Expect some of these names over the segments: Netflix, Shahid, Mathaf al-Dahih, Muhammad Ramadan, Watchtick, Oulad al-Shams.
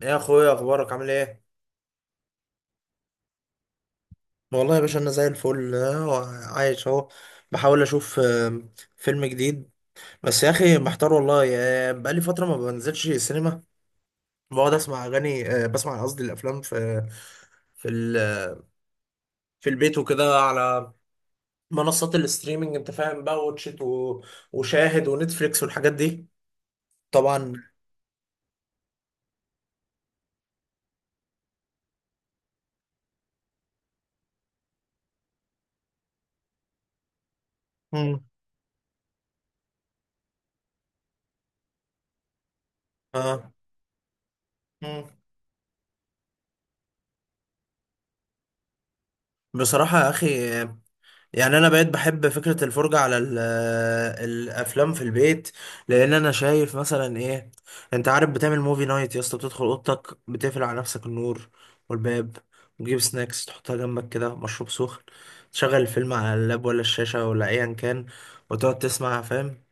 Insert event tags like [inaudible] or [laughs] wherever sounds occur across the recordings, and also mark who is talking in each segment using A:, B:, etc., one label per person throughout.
A: يا اخويا، اخبارك عامل ايه؟ والله يا باشا انا زي الفل، عايش اهو. بحاول اشوف فيلم جديد، بس يا اخي محتار والله. بقالي فتره ما بنزلش السينما. بقعد اسمع اغاني، بسمع قصدي الافلام في في ال- في البيت وكده، على منصات الاستريمنج، انت فاهم بقى، واتشيت وشاهد ونتفليكس والحاجات دي، طبعا. مم. اه. مم. بصراحه يا اخي، يعني انا بقيت بحب فكرة الفرجة على الافلام في البيت، لان انا شايف مثلا ايه، انت عارف بتعمل موفي نايت يا اسطى، بتدخل اوضتك بتقفل على نفسك النور والباب، وتجيب سناكس تحطها جنبك كده، مشروب سخن، تشغل الفيلم على اللاب ولا الشاشة ولا ايا كان، وتقعد تسمع، فاهم.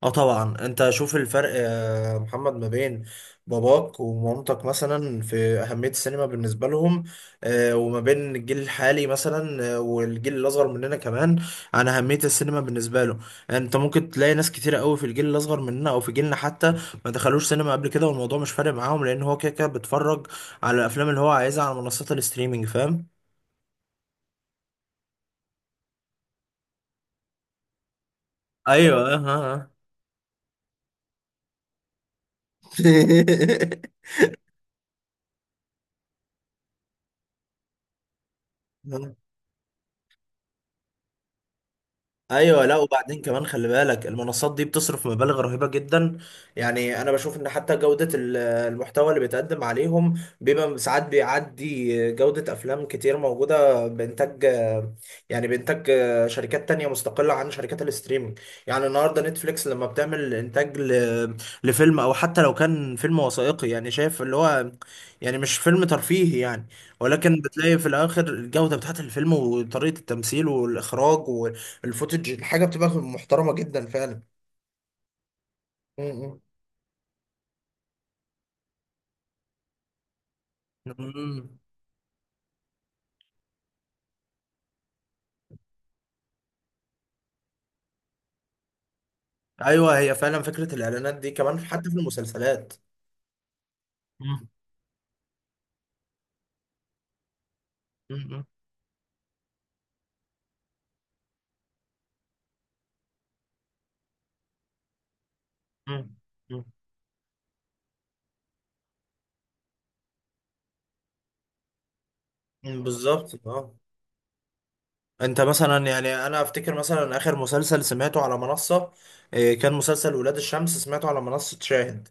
A: اه طبعا، انت شوف الفرق يا محمد ما بين باباك ومامتك مثلا في اهميه السينما بالنسبه لهم، وما بين الجيل الحالي مثلا، والجيل الاصغر مننا كمان، عن اهميه السينما بالنسبه له. انت ممكن تلاقي ناس كتيره قوي في الجيل الاصغر مننا او في جيلنا حتى ما دخلوش سينما قبل كده، والموضوع مش فارق معاهم، لان هو كده كده بيتفرج على الافلام اللي هو عايزها على منصات الاستريمنج، فاهم. ايوه، ها. [laughs] ايوه، لا وبعدين كمان خلي بالك المنصات دي بتصرف مبالغ رهيبه جدا. يعني انا بشوف ان حتى جوده المحتوى اللي بيتقدم عليهم بيبقى ساعات بيعدي جوده افلام كتير موجوده بانتاج، يعني بانتاج شركات تانية مستقله عن شركات الاستريمنج. يعني النهارده نتفليكس لما بتعمل انتاج لفيلم، او حتى لو كان فيلم وثائقي، يعني شايف اللي هو، يعني مش فيلم ترفيهي يعني، ولكن بتلاقي في الاخر الجوده بتاعت الفيلم وطريقه التمثيل والاخراج، الفوتج، الحاجه بتبقى محترمه جدا فعلا. م- م. م. ايوه، هي فعلا فكره الاعلانات دي كمان حتى في المسلسلات. مم. مم. مم. مم. م، بالظبط، اه. انت مثلا، يعني انا افتكر مثلا اخر مسلسل سمعته على منصه، كان مسلسل ولاد الشمس، سمعته على منصه شاهد.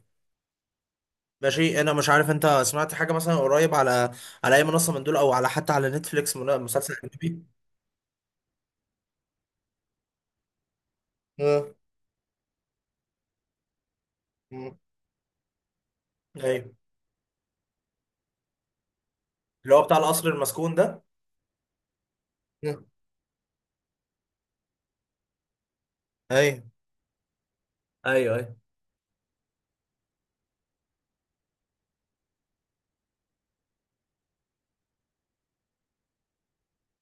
A: ماشي، انا مش عارف انت سمعت حاجه مثلا قريب على على اي منصه من دول، او على حتى على نتفليكس مسلسل اجنبي. اه. م. ايوه، اللي هو بتاع القصر المسكون ده. م. ايوه. ايوه.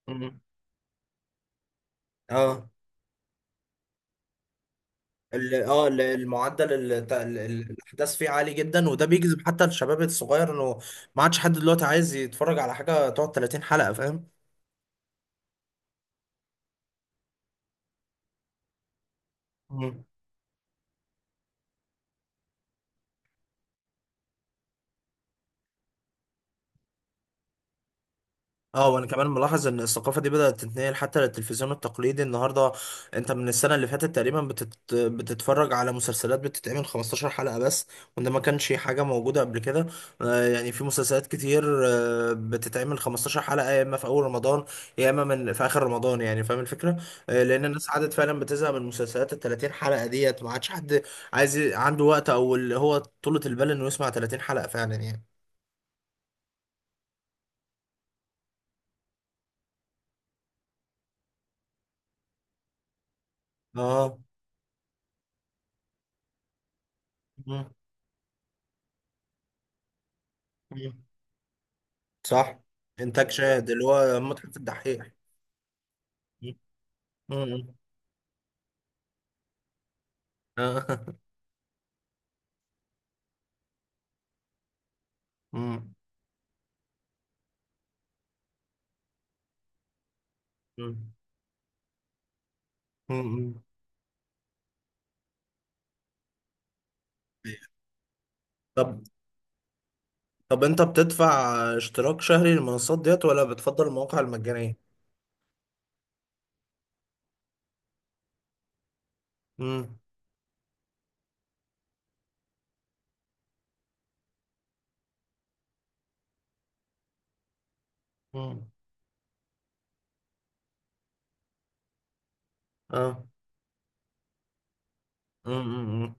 A: مم. اه، ال- اه ال- المعدل ال- ت- ال- ال- الاحداث فيه عالي جدا، وده بيجذب حتى الشباب الصغير انه ما عادش حد دلوقتي عايز يتفرج على حاجه تقعد 30 حلقه، فاهم. اه، وانا كمان ملاحظ ان الثقافه دي بدات تتنقل حتى للتلفزيون التقليدي النهارده. انت من السنه اللي فاتت تقريبا بتتفرج على مسلسلات بتتعمل 15 حلقه بس، وده ما كانش حاجه موجوده قبل كده. يعني في مسلسلات كتير، بتتعمل 15 حلقه يا اما في اول رمضان، يا اما من في اخر رمضان، يعني فاهم الفكره. لان الناس عادت فعلا بتزهق من مسلسلات ال 30 حلقه ديت، ما عادش حد عايز عنده وقت، او اللي هو طولة البال انه يسمع 30 حلقه فعلا يعني. اه. مم. صح، انتاج شاهد اللي هو متحف الدحيح. مم. مم. آه. [laughs] مم. مم. مم. طب، انت بتدفع اشتراك شهري للمنصات ديت، ولا بتفضل المواقع المجانية؟ مم. مم. اه. مم. مم.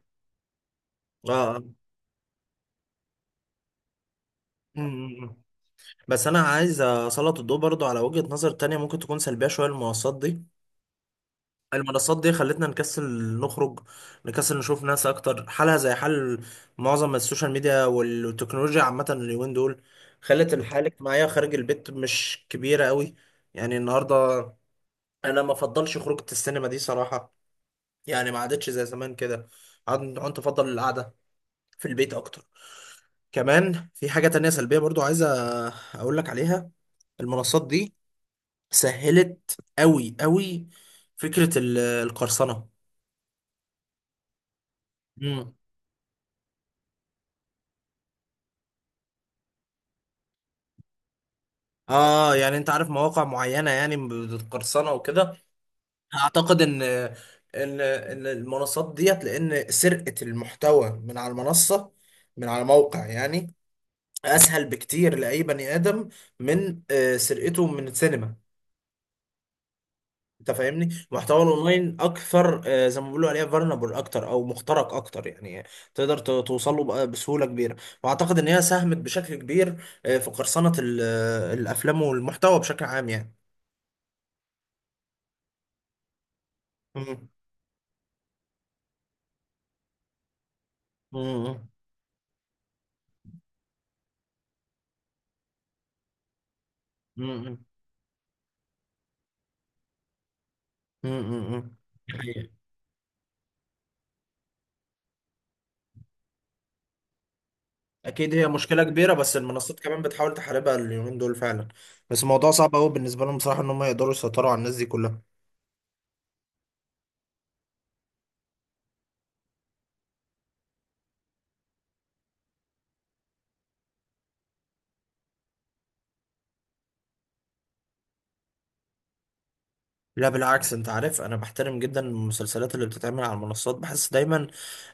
A: اه. مم. بس انا عايز اسلط الضوء برضو على وجهة نظر تانية ممكن تكون سلبية شوية للمنصات دي. المنصات دي خلتنا نكسل نخرج، نكسل نشوف ناس اكتر، حالها زي حال معظم السوشيال ميديا والتكنولوجيا عامة اليومين دول، خلت الحياة الاجتماعية خارج البيت مش كبيرة قوي. يعني النهاردة انا ما افضلش خروجة السينما دي صراحة، يعني ما عادتش زي زمان كده. عدت افضل القعدة في البيت اكتر. كمان في حاجة تانية سلبية برضو عايزة اقول لك عليها، المنصات دي سهلت قوي قوي فكرة القرصنة. مم. اه، يعني انت عارف مواقع معينة يعني بتقرصنة وكده. اعتقد ان المنصات ديت، لان سرقة المحتوى من على المنصة، من على موقع يعني، اسهل بكتير لاي بني ادم من سرقته من السينما. انت فاهمني، محتوى الاونلاين اكثر، زي ما بيقولوا عليه، فولنربل اكتر او مخترق اكتر يعني، تقدر توصل له بسهولة كبيرة. واعتقد ان هي ساهمت بشكل كبير في قرصنة الافلام والمحتوى بشكل عام يعني. مم. مم. مم. مم. دي حقيقة. اكيد هي مشكله كبيره، بس المنصات كمان بتحاول تحاربها اليومين دول فعلا، بس الموضوع صعب قوي بالنسبه لهم بصراحه ان هم يقدروا يسيطروا على الناس دي كلها. لا بالعكس، انت عارف انا بحترم جدا المسلسلات اللي بتتعمل على المنصات، بحس دايما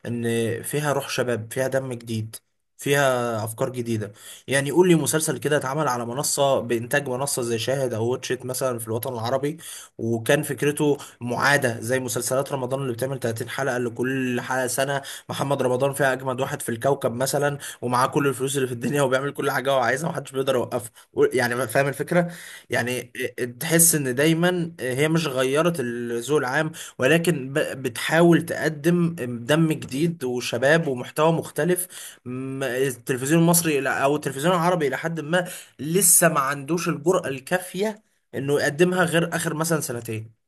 A: ان فيها روح شباب، فيها دم جديد، فيها افكار جديده. يعني قول لي مسلسل كده اتعمل على منصه بانتاج منصه زي شاهد او واتشيت مثلا في الوطن العربي، وكان فكرته معاده زي مسلسلات رمضان اللي بتعمل 30 حلقه، اللي كل حلقه سنه، محمد رمضان فيها اجمد واحد في الكوكب مثلا، ومعاه كل الفلوس اللي في الدنيا، وبيعمل كل حاجه هو عايزها، ومحدش بيقدر يوقفه، يعني فاهم الفكره يعني. تحس ان دايما هي مش غيرت الذوق العام، ولكن بتحاول تقدم دم جديد وشباب ومحتوى مختلف. التلفزيون المصري او التلفزيون العربي الى حد ما لسه ما عندوش الجرأة الكافية انه يقدمها، غير اخر مثلا سنتين.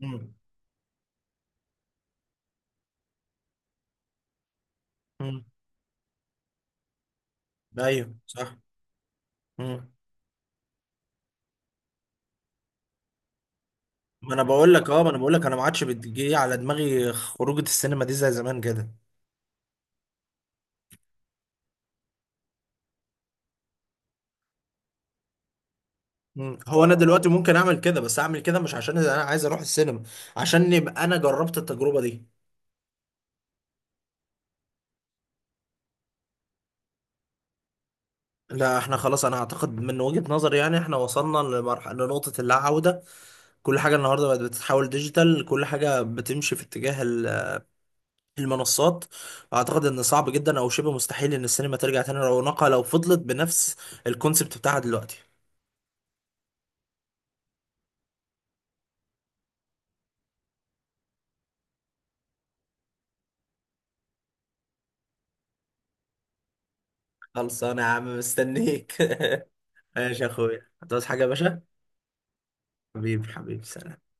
A: مم. مم. ايوه صح. مم. ما انا بقول لك، اه ما انا بقول لك، انا ما عادش بتجي على دماغي خروجه السينما دي زي زمان كده. هو انا دلوقتي ممكن اعمل كده، بس اعمل كده مش عشان انا عايز اروح السينما، عشان يبقى انا جربت التجربه دي. لا احنا خلاص، انا اعتقد من وجهة نظري يعني احنا وصلنا لمرحلة، لنقطة اللا عودة. كل حاجة النهاردة بقت بتتحول ديجيتال، كل حاجة بتمشي في اتجاه المنصات. اعتقد ان صعب جدا او شبه مستحيل ان السينما ترجع تاني رونقها لو فضلت بنفس الكونسبت بتاعها دلوقتي. خلصانة يا عم، مستنيك. [laughs] ماشي يا اخويا، هتعوز حاجة يا باشا؟ حبيبي، حبيبي، سلام.